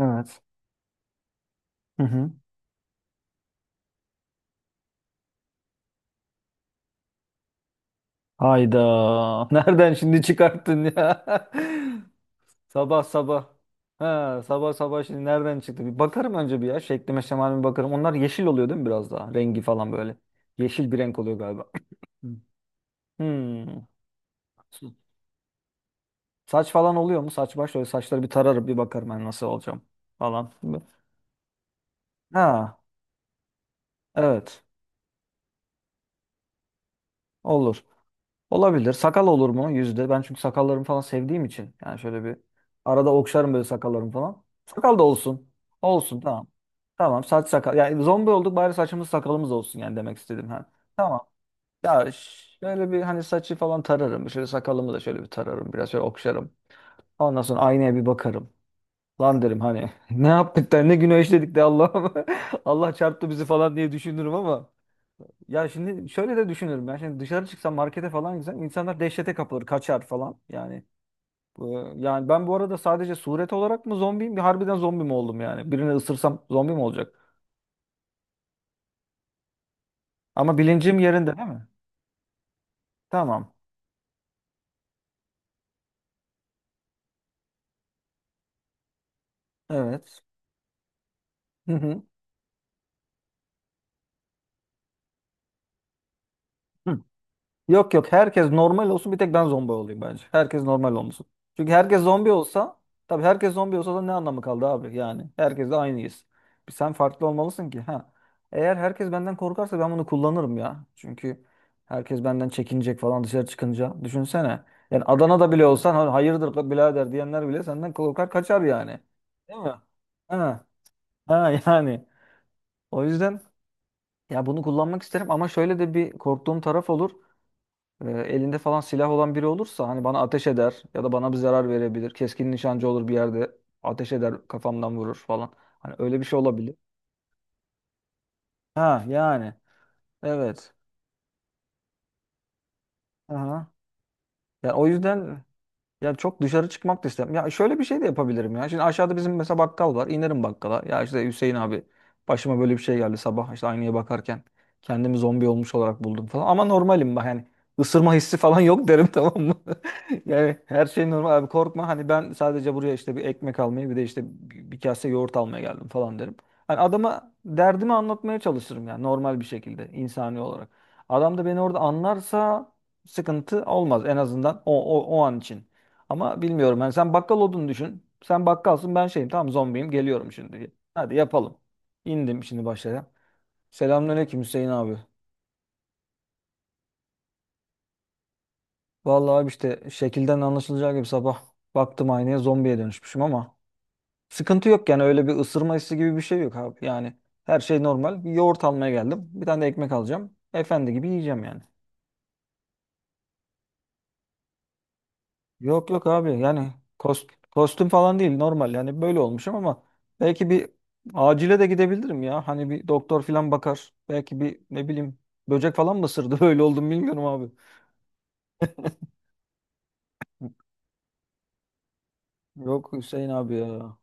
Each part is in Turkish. Evet. Hı hı. Hayda. Nereden şimdi çıkarttın ya? Sabah sabah. Ha, sabah sabah şimdi nereden çıktı? Bir bakarım önce bir ya. Şeklime şemalime bakarım. Onlar yeşil oluyor değil mi biraz daha? Rengi falan böyle. Yeşil bir renk oluyor galiba. Hı. Hmm. Saç falan oluyor mu? Saç baş öyle saçları bir tararım bir bakarım ben nasıl olacağım falan. Ha, evet, olur. Olabilir. Sakal olur mu? Yüzde. Ben çünkü sakallarımı falan sevdiğim için. Yani şöyle bir arada okşarım böyle sakallarımı falan. Sakal da olsun. Olsun, tamam. Tamam, saç sakal. Yani zombi olduk bari saçımız sakalımız olsun yani demek istedim. Ha. Tamam. Şöyle bir hani saçı falan tararım. Şöyle sakalımı da şöyle bir tararım. Biraz şöyle okşarım. Ondan sonra aynaya bir bakarım. Lan derim hani ne yaptık da ne günah işledik de Allah'ım. Allah çarptı bizi falan diye düşünürüm ama. Ya şimdi şöyle de düşünürüm ben. Şimdi dışarı çıksam markete falan gitsem insanlar dehşete kapılır, kaçar falan. Yani yani ben bu arada sadece suret olarak mı zombiyim? Bir harbiden zombi mi oldum yani? Birini ısırsam zombi mi olacak? Ama bilincim yerinde değil mi? Tamam. Evet. Hı hı. Hı. Yok, yok, herkes normal olsun bir tek ben zombi olayım bence. Herkes normal olmasın. Çünkü herkes zombi olsa, tabii herkes zombi olsa da ne anlamı kaldı abi yani. Herkes de aynıyız. Bir sen farklı olmalısın ki, ha. Eğer herkes benden korkarsa ben bunu kullanırım ya. Çünkü herkes benden çekinecek falan dışarı çıkınca. Düşünsene. Yani Adana'da bile olsan, Hayırdır la birader," diyenler bile senden korkar kaçar yani. Değil mi? Ha, ha yani. O yüzden ya bunu kullanmak isterim ama şöyle de bir korktuğum taraf olur. Elinde falan silah olan biri olursa hani bana ateş eder ya da bana bir zarar verebilir. Keskin nişancı olur bir yerde ateş eder, kafamdan vurur falan. Hani öyle bir şey olabilir. Ha yani, evet. Aha. Yani o yüzden. Ya, çok dışarı çıkmak da istemiyorum. Ya şöyle bir şey de yapabilirim ya. Şimdi aşağıda bizim mesela bakkal var. İnerim bakkala. Ya işte Hüseyin abi başıma böyle bir şey geldi sabah işte aynaya bakarken. Kendimi zombi olmuş olarak buldum falan. Ama normalim bak yani, ısırma hissi falan yok derim, tamam mı? Yani her şey normal abi, korkma. Hani ben sadece buraya işte bir ekmek almaya, bir de işte bir kase yoğurt almaya geldim falan derim. Hani adama derdimi anlatmaya çalışırım yani, normal bir şekilde, insani olarak. Adam da beni orada anlarsa sıkıntı olmaz, en azından o an için. Ama bilmiyorum yani, sen bakkal olduğunu düşün. Sen bakkalsın, ben şeyim, tamam zombiyim, geliyorum şimdi. Hadi yapalım. İndim şimdi, başlayalım. Selamünaleyküm Hüseyin abi. Vallahi abi işte şekilden anlaşılacağı gibi sabah baktım aynaya zombiye dönüşmüşüm ama sıkıntı yok yani, öyle bir ısırma hissi gibi bir şey yok abi. Yani her şey normal. Bir yoğurt almaya geldim. Bir tane de ekmek alacağım. Efendi gibi yiyeceğim yani. Yok, yok abi yani, kostüm falan değil, normal yani böyle olmuşum ama belki bir acile de gidebilirim ya. Hani bir doktor falan bakar. Belki bir, ne bileyim, böcek falan mı ısırdı böyle oldum, bilmiyorum abi. Yok Hüseyin abi ya.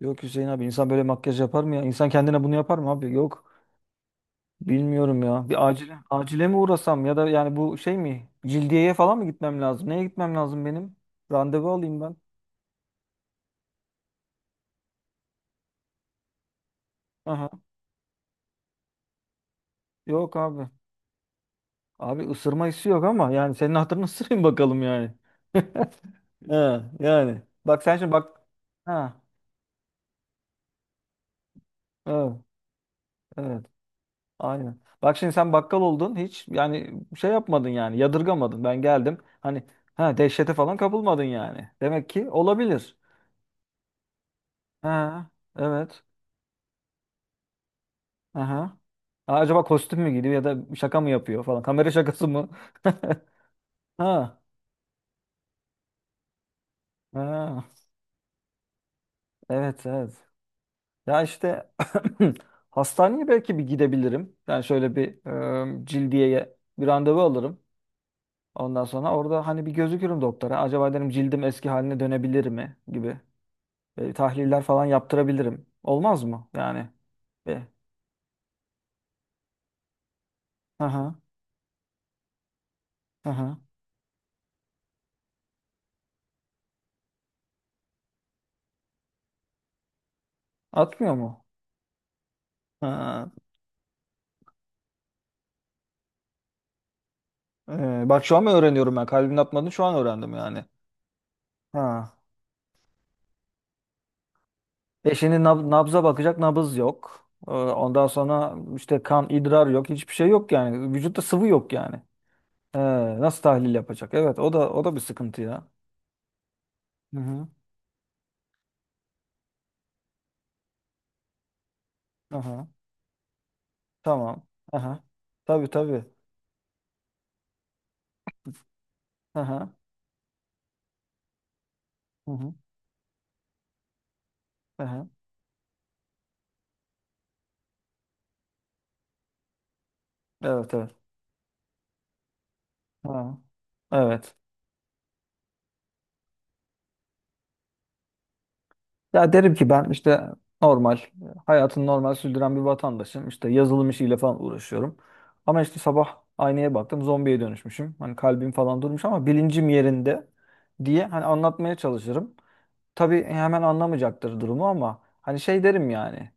Yok Hüseyin abi, insan böyle makyaj yapar mı ya? İnsan kendine bunu yapar mı abi? Yok, bilmiyorum ya. Bir acile acile mi uğrasam, ya da yani bu şey mi? Cildiyeye falan mı gitmem lazım? Neye gitmem lazım benim? Randevu alayım ben. Aha. Yok abi. Abi, ısırma hissi yok ama yani senin hatırını ısırayım bakalım yani. Ha, yani. Bak sen şimdi, bak. Ha, evet, evet. Aynen. Bak şimdi, sen bakkal oldun, hiç yani şey yapmadın yani, yadırgamadın. Ben geldim. Hani ha, dehşete falan kapılmadın yani. Demek ki olabilir. Ha, evet. Aha. Ha, acaba kostüm mü giydi ya da şaka mı yapıyor falan. Kamera şakası mı? Ha, ha. Evet, evet. Ya işte hastaneye belki bir gidebilirim. Yani şöyle bir, cildiyeye bir randevu alırım. Ondan sonra orada hani bir gözükürüm doktora. Acaba derim cildim eski haline dönebilir mi gibi. Tahliller falan yaptırabilirim. Olmaz mı? Yani. E, aha, aha. Atmıyor mu? Ha. Bak şu an mı öğreniyorum ben? Kalbin atmadığını şu an öğrendim yani. Ha. Şimdi nabza bakacak, nabız yok. Ondan sonra işte kan, idrar yok. Hiçbir şey yok yani. Vücutta sıvı yok yani. Ee, Nasıl tahlil yapacak? Evet, o da bir sıkıntı ya. Hı hı. Aha. Tamam. Aha. Tabii, tabii. Aha. Hı hı. Aha. Evet, evet. Ha. Evet. Ya derim ki, ben işte normal hayatını normal sürdüren bir vatandaşım. İşte yazılım işiyle falan uğraşıyorum. Ama işte sabah aynaya baktım zombiye dönüşmüşüm. Hani kalbim falan durmuş ama bilincim yerinde diye hani anlatmaya çalışırım. Tabii hemen anlamayacaktır durumu ama hani şey derim yani.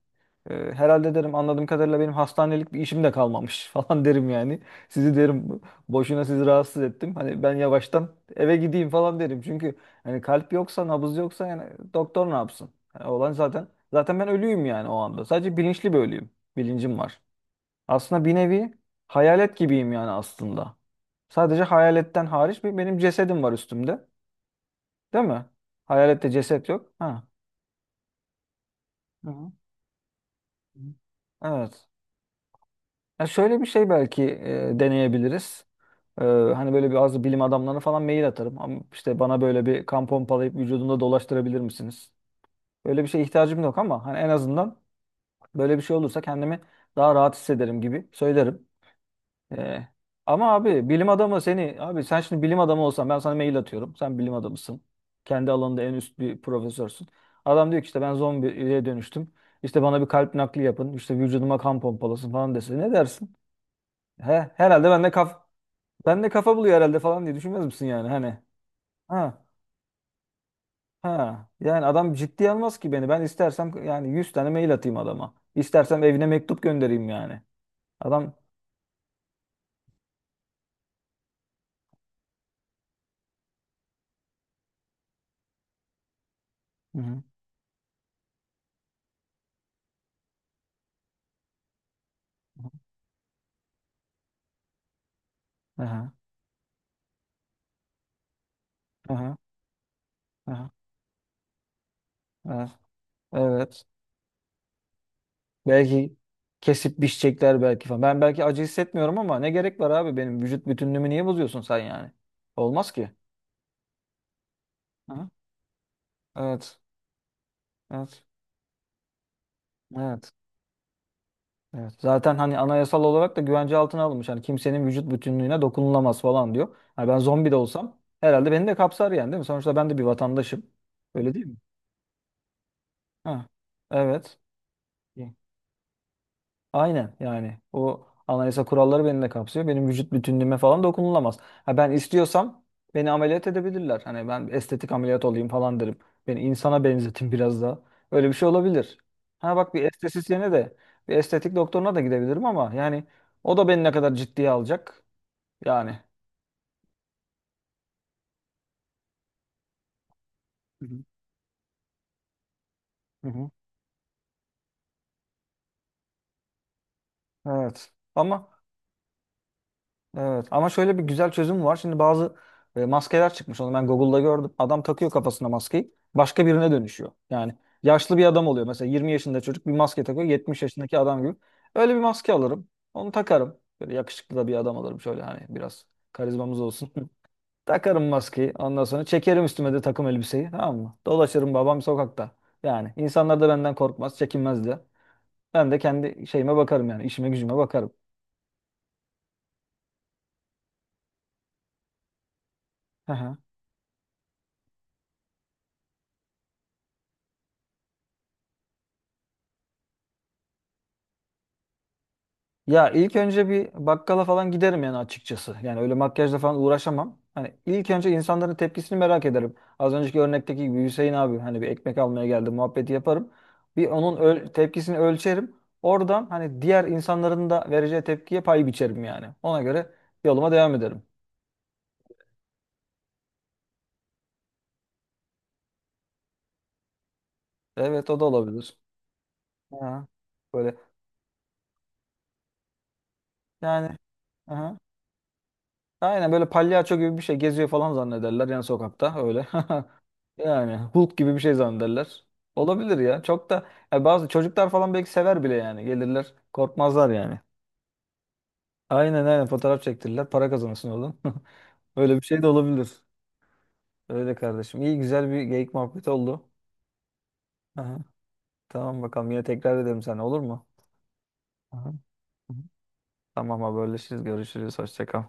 Herhalde derim, anladığım kadarıyla benim hastanelik bir işim de kalmamış falan derim yani. Sizi derim, boşuna sizi rahatsız ettim. Hani ben yavaştan eve gideyim falan derim. Çünkü hani kalp yoksa, nabız yoksa yani doktor ne yapsın? Yani olan zaten, ben ölüyüm yani o anda. Sadece bilinçli bir ölüyüm. Bilincim var. Aslında bir nevi hayalet gibiyim yani, aslında. Sadece hayaletten hariç bir benim cesedim var üstümde. Değil mi? Hayalette ceset yok. Ha. Hı hı. Evet. Ya şöyle bir şey belki deneyebiliriz. Hani böyle bazı bilim adamlarına falan mail atarım. Ama işte bana böyle bir kan pompalayıp vücudumda dolaştırabilir misiniz? Böyle bir şeye ihtiyacım yok ama hani en azından böyle bir şey olursa kendimi daha rahat hissederim gibi söylerim. E, Ama abi bilim adamı seni abi sen şimdi bilim adamı olsan, ben sana mail atıyorum. Sen bilim adamısın. Kendi alanında en üst bir profesörsün. Adam diyor ki, işte ben zombiye dönüştüm. İşte bana bir kalp nakli yapın. İşte vücuduma kan pompalasın falan dese ne dersin? He, herhalde ben de kaf Sen de kafa buluyor herhalde falan diye düşünmez misin yani, hani? Ha, ha yani, adam ciddiye almaz ki beni. Ben istersem yani 100 tane mail atayım adama. İstersem evine mektup göndereyim yani. Adam Hı hı. Aha, aha, aha, aha. Evet. Evet. Belki kesip biçecekler belki falan. Ben belki acı hissetmiyorum ama ne gerek var abi, benim vücut bütünlüğümü niye bozuyorsun sen yani? Olmaz ki. Hı? Evet. Evet. Evet. Evet. Zaten hani anayasal olarak da güvence altına alınmış. Hani kimsenin vücut bütünlüğüne dokunulamaz falan diyor. Hani ben zombi de olsam herhalde beni de kapsar yani, değil mi? Sonuçta ben de bir vatandaşım. Öyle değil mi? Ha. Evet. Aynen yani, o anayasa kuralları beni de kapsıyor. Benim vücut bütünlüğüme falan dokunulamaz. Ha, ben istiyorsam beni ameliyat edebilirler. Hani ben estetik ameliyat olayım falan derim. Beni insana benzetin biraz daha. Öyle bir şey olabilir. Ha bak, bir estetisyene de bir estetik doktoruna da gidebilirim ama yani o da beni ne kadar ciddiye alacak. Yani. Hı hı. Hı hı. Evet. Evet, ama şöyle bir güzel çözüm var. Şimdi bazı maskeler çıkmış. Onu ben Google'da gördüm. Adam takıyor kafasına maskeyi. Başka birine dönüşüyor. Yani yaşlı bir adam oluyor. Mesela 20 yaşında çocuk bir maske takıyor, 70 yaşındaki adam gibi. Öyle bir maske alırım. Onu takarım. Böyle yakışıklı da bir adam alırım. Şöyle hani biraz karizmamız olsun. Takarım maskeyi. Ondan sonra çekerim üstüme de takım elbiseyi. Tamam mı? Dolaşırım babam sokakta. Yani insanlar da benden korkmaz, çekinmez de. Ben de kendi şeyime bakarım yani. İşime gücüme bakarım. Ya ilk önce bir bakkala falan giderim yani, açıkçası. Yani öyle makyajla falan uğraşamam. Hani ilk önce insanların tepkisini merak ederim. Az önceki örnekteki gibi Hüseyin abi hani bir ekmek almaya geldi muhabbeti yaparım. Bir onun tepkisini ölçerim. Oradan hani diğer insanların da vereceği tepkiye pay biçerim yani. Ona göre yoluma devam ederim. Evet, o da olabilir. Ha, böyle yani. Aha. Aynen böyle palyaço gibi bir şey geziyor falan zannederler yani, sokakta öyle. Yani Hulk gibi bir şey zannederler. Olabilir ya. Çok da, ya bazı çocuklar falan belki sever bile yani. Gelirler, korkmazlar yani. Aynen, aynen fotoğraf çektirirler. Para kazanırsın oğlum. Öyle bir şey de olabilir. Öyle kardeşim. İyi güzel bir geyik muhabbeti oldu. Aha. Tamam, bakalım yine tekrar edelim sen, olur mu? Aha. Hı hı. Tamam, haberleşiriz. Görüşürüz. Hoşça kal.